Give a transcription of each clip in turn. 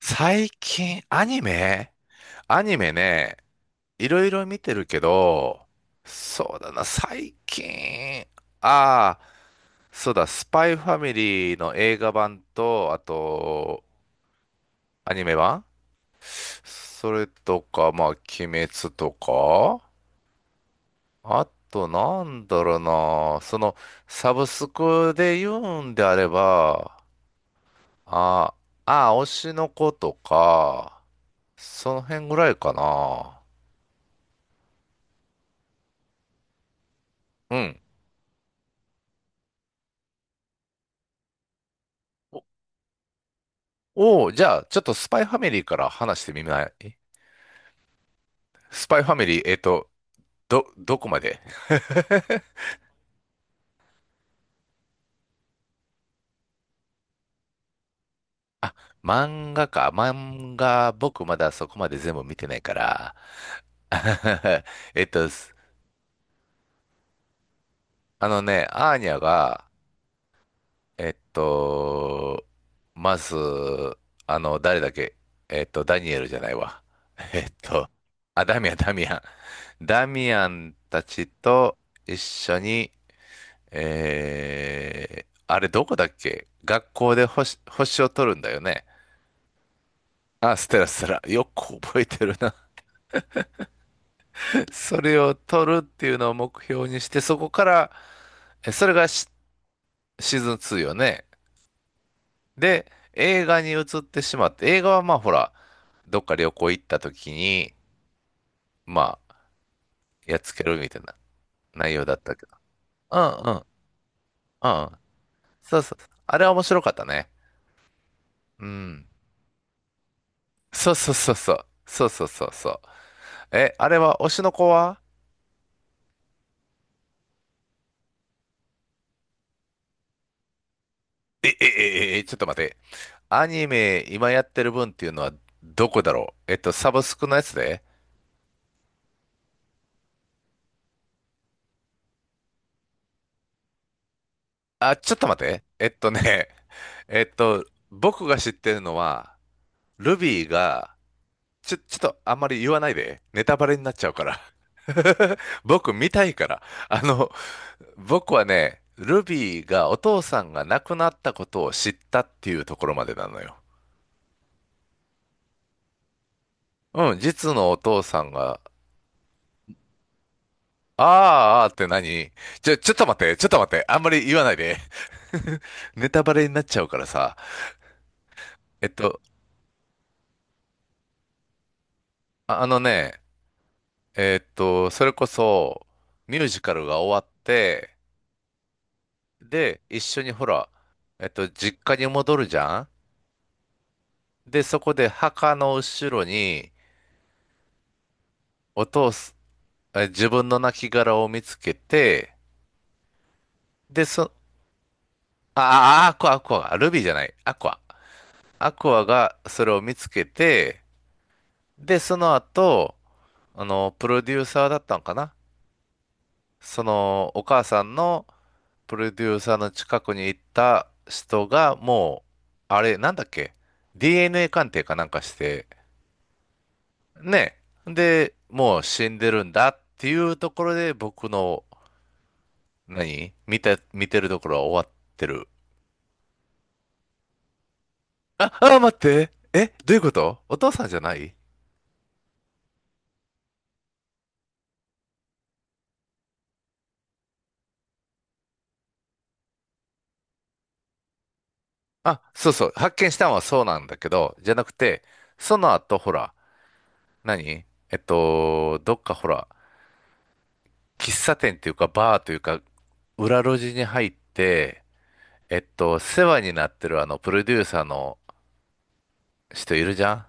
最近、アニメね、いろいろ見てるけど、そうだな、最近、ああ、そうだ、スパイファミリーの映画版と、あと、アニメ版、それとか、まあ、鬼滅とか、あと、なんだろうな、サブスクで言うんであれば、ああ、ああ、推しの子とか、その辺ぐらいかな。うん。おお、じゃあ、ちょっとスパイファミリーから話してみない？スパイファミリー、どこまで？漫画か。漫画、僕まだそこまで全部見てないから。えっと、すあのね、アーニャが、えっと、まず、誰だっけ？ダニエルじゃないわ。えっと、あ、ダミアン、ダミアン。ダミアンたちと一緒に、あれどこだっけ、学校で星を取るんだよね。あ、ステラステラ。よく覚えてるな。それを取るっていうのを目標にして、そこから、それがシーズン2よね。で、映画に移ってしまって、映画はまあほら、どっか旅行行った時に、まあ、やっつけるみたいな内容だったけど。うんうん、うんうん。そうそう。あれは面白かったね。うん。そうそうそうそう。そうそうそうそう。え、あれは、推しの子は？え、え、ちょっと待って。アニメ今やってる分っていうのはどこだろう、サブスクのやつで、あ、ちょっと待って。ね、えっと、僕が知ってるのは、ルビーが、ちょっとあんまり言わないで。ネタバレになっちゃうから。僕見たいから。あの、僕はね、ルビーがお父さんが亡くなったことを知ったっていうところまでなのよ。うん、実のお父さんが。あーあーって何？ちょっと待って、ちょっと待って、あんまり言わないで。ネタバレになっちゃうからさ。えっと、あ、あのね、それこそ、ミュージカルが終わって、で、一緒にほら、実家に戻るじゃん。で、そこで墓の後ろに、お父す、自分の亡骸を見つけて、で、そ、ああ、アクア、アクア、ルビーじゃない、アクア。アクアがそれを見つけて、で、その後、プロデューサーだったんかな、お母さんのプロデューサーの近くに行った人が、もう、あれ、なんだっけ ?DNA 鑑定かなんかして、ね。で、もう死んでるんだっていうところで、僕の、何見て、見てるところは終わってる。あ、あ、待って。え、どういうこと？お父さんじゃない？あ、そうそう。発見したのはそうなんだけど、じゃなくて、その後、ほら、何どっかほら、喫茶店っていうか、バーというか、裏路地に入って、世話になってるプロデューサーの人いるじゃん。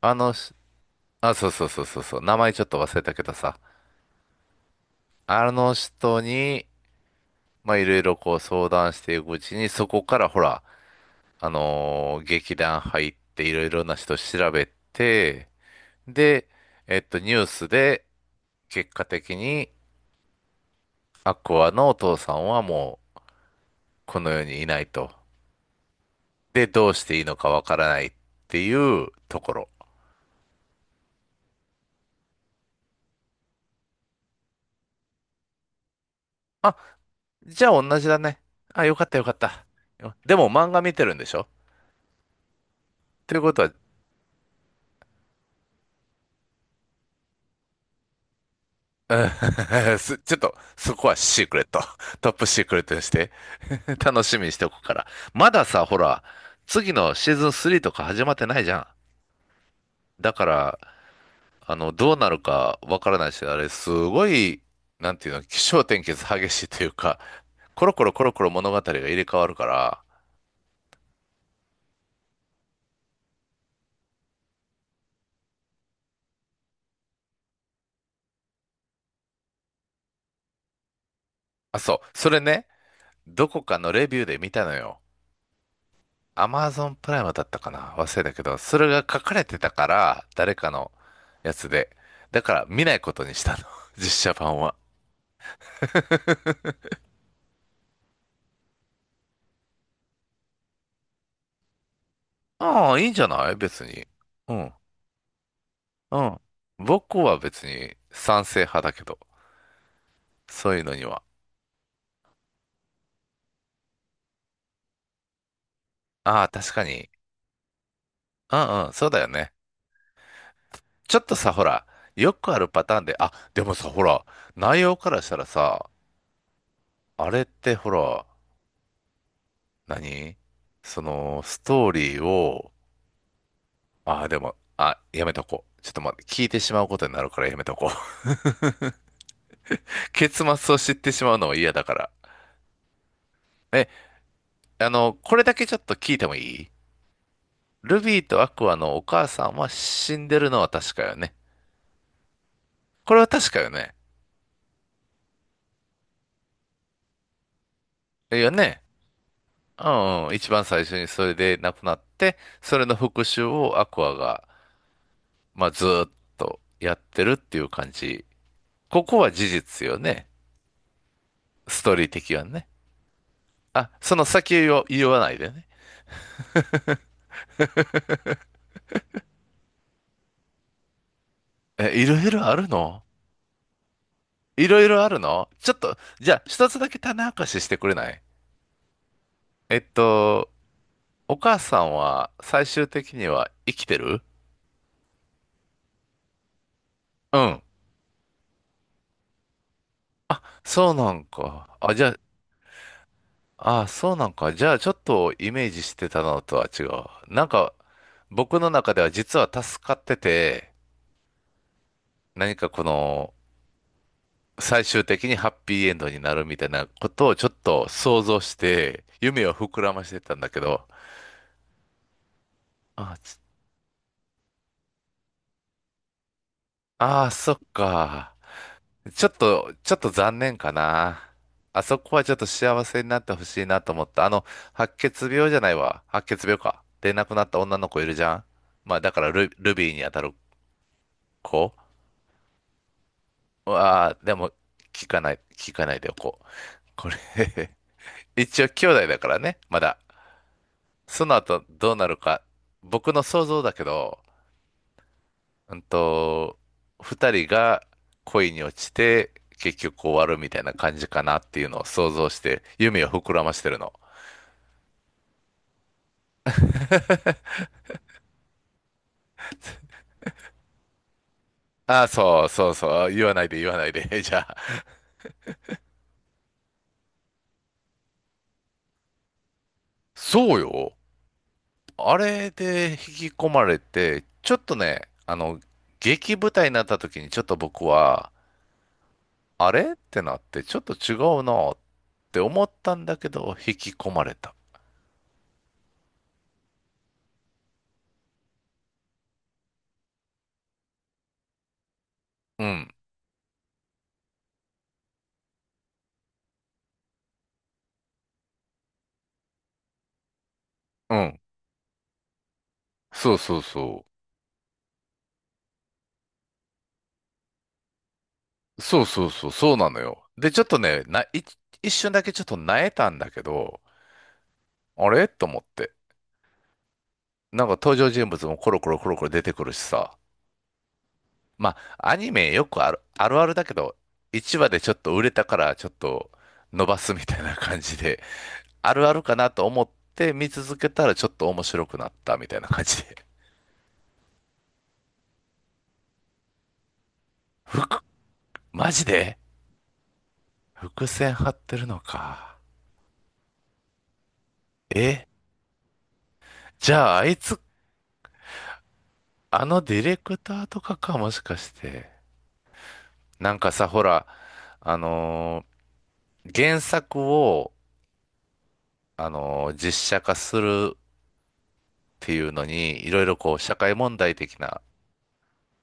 あのし、あ、そうそうそうそうそう、名前ちょっと忘れたけどさ、あの人に、まあ、いろいろこう相談していくうちに、そこからほら、劇団入っていろいろな人調べて、で、ニュースで、結果的に、アクアのお父さんはもう、この世にいないと。で、どうしていいのかわからないっていうところ。あ、じゃあ同じだね。あ、よかったよかった。でも漫画見てるんでしょ？ということは、うん。 ちょっと、そこはシークレット。トップシークレットにして。楽しみにしておくから。まださ、ほら、次のシーズン3とか始まってないじゃん。だから、どうなるかわからないし、あれ、すごい、なんていうの、起承転結激しいというか、コロコロコロコロ物語が入れ替わるから。あ、そう、それね、どこかのレビューで見たのよ。アマゾンプライムだったかな、忘れたけど、それが書かれてたから、誰かのやつで。だから見ないことにしたの。実写版は。ああ、いいんじゃない別に。うん。うん。僕は別に賛成派だけど。そういうのには。ああ、確かに。うんうん、そうだよね。ちょっとさ、ほら、よくあるパターンで、あ、でもさ、ほら、内容からしたらさ、あれってほら、何ストーリーを、ああ、でも、あ、やめとこう。ちょっと待って、聞いてしまうことになるからやめとこう。結末を知ってしまうのは嫌だから。え、これだけちょっと聞いてもいい？ルビーとアクアのお母さんは死んでるのは確かよね。これは確かよね。いいよね。うんうん。一番最初にそれで亡くなって、それの復讐をアクアが、まあ、ずーっとやってるっていう感じ。ここは事実よね。ストーリー的はね。あ、その先を言わないでね。え、いろいろあるの？いろいろあるの？ちょっと、じゃあ、一つだけ種明かししてくれない？えっと、お母さんは最終的には生きてる？うん。そうなんか。あ、じゃあ、あ、そうなんか。じゃあ、ちょっとイメージしてたのとは違う。なんか、僕の中では実は助かってて、何かこの、最終的にハッピーエンドになるみたいなことをちょっと想像して、夢を膨らませてたんだけど。あ、ちあー、そっか。ちょっと残念かな。あそこはちょっと幸せになってほしいなと思った。白血病じゃないわ。白血病か。で亡くなった女の子いるじゃん。まあだからルビーに当たる子。ああ、でも、聞かないでおこう。これ。 一応兄弟だからね、まだ。その後どうなるか、僕の想像だけど、うんと、二人が恋に落ちて結局終わるみたいな感じかなっていうのを想像して夢を膨らましてるの。ああ、そうそうそう、言わないで言わないで。じゃあ、そうよ。あれで引き込まれて、ちょっとね、劇舞台になった時にちょっと僕は、あれってなって、ちょっと違うなって思ったんだけど、引き込まれた。うん、うん、そうそうそう。そうそうそう、そうなのよ。で、ちょっとね、な、い一瞬だけちょっとなえたんだけど、あれと思って。なんか登場人物もコロコロコロコロ出てくるしさ。まあ、アニメよくある、あるあるだけど、一話でちょっと売れたからちょっと伸ばすみたいな感じで、あるあるかなと思って見続けたらちょっと面白くなったみたいな感じで。服マジで伏線張ってるのか。え、じゃああいつ、ディレクターとかか、もしかして。なんかさ、ほら、あのー原作を、実写化するっていうのに、いろいろ社会問題的な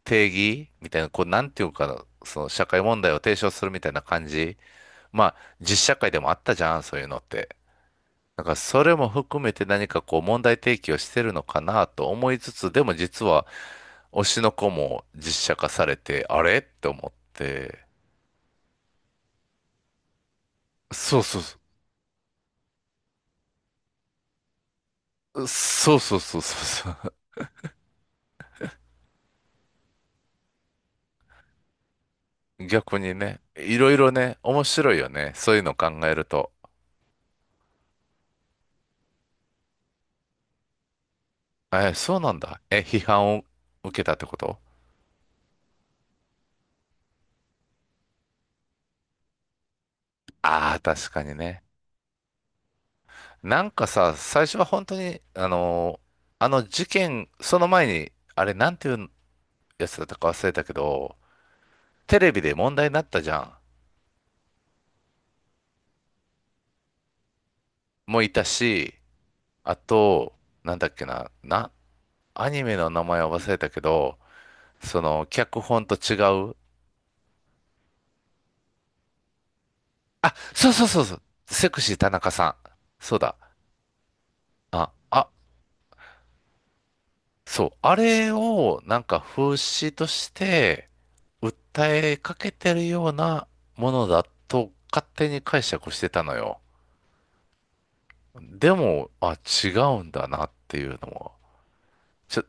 定義みたいな、なんていうかな、その社会問題を提唱するみたいな感じ。まあ、実社会でもあったじゃん、そういうのって。だから、それも含めて何かこう、問題提起をしてるのかなと思いつつ、でも実は、推しの子も実写化されて、あれって思って。そうそうそう。そうそうそうそうそう。逆にね、いろいろね、面白いよね。そういうの考えると。え、そうなんだ。え、批判を受けたってこと？ああー、確かにね。なんかさ、最初は本当に、あの事件、その前に、なんていうやつだったか忘れたけど、テレビで問題になったじゃん。もういたし、あと、なんだっけな、アニメの名前は忘れたけど、脚本と違う。あ、そうそうそうそう。セクシー田中さん。そうだ。あ、あ、そう、あれをなんか風刺として訴えかけてるようなものだと勝手に解釈してたのよ。でも、あ、違うんだなっていうのも、ちょ、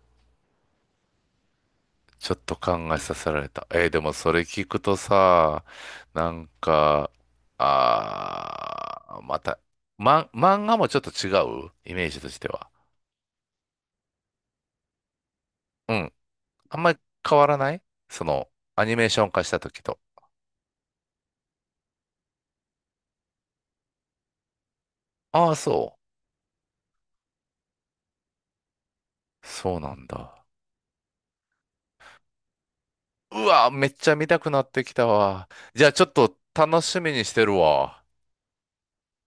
ちょっと考えさせられた。でもそれ聞くとさ、なんか、また、漫画もちょっと違うイメージとしては。うん。あんまり変わらない、その、アニメーション化した時と。ああ、そう。そうなんだ。うわ、めっちゃ見たくなってきたわ。じゃあちょっと楽しみにしてるわ。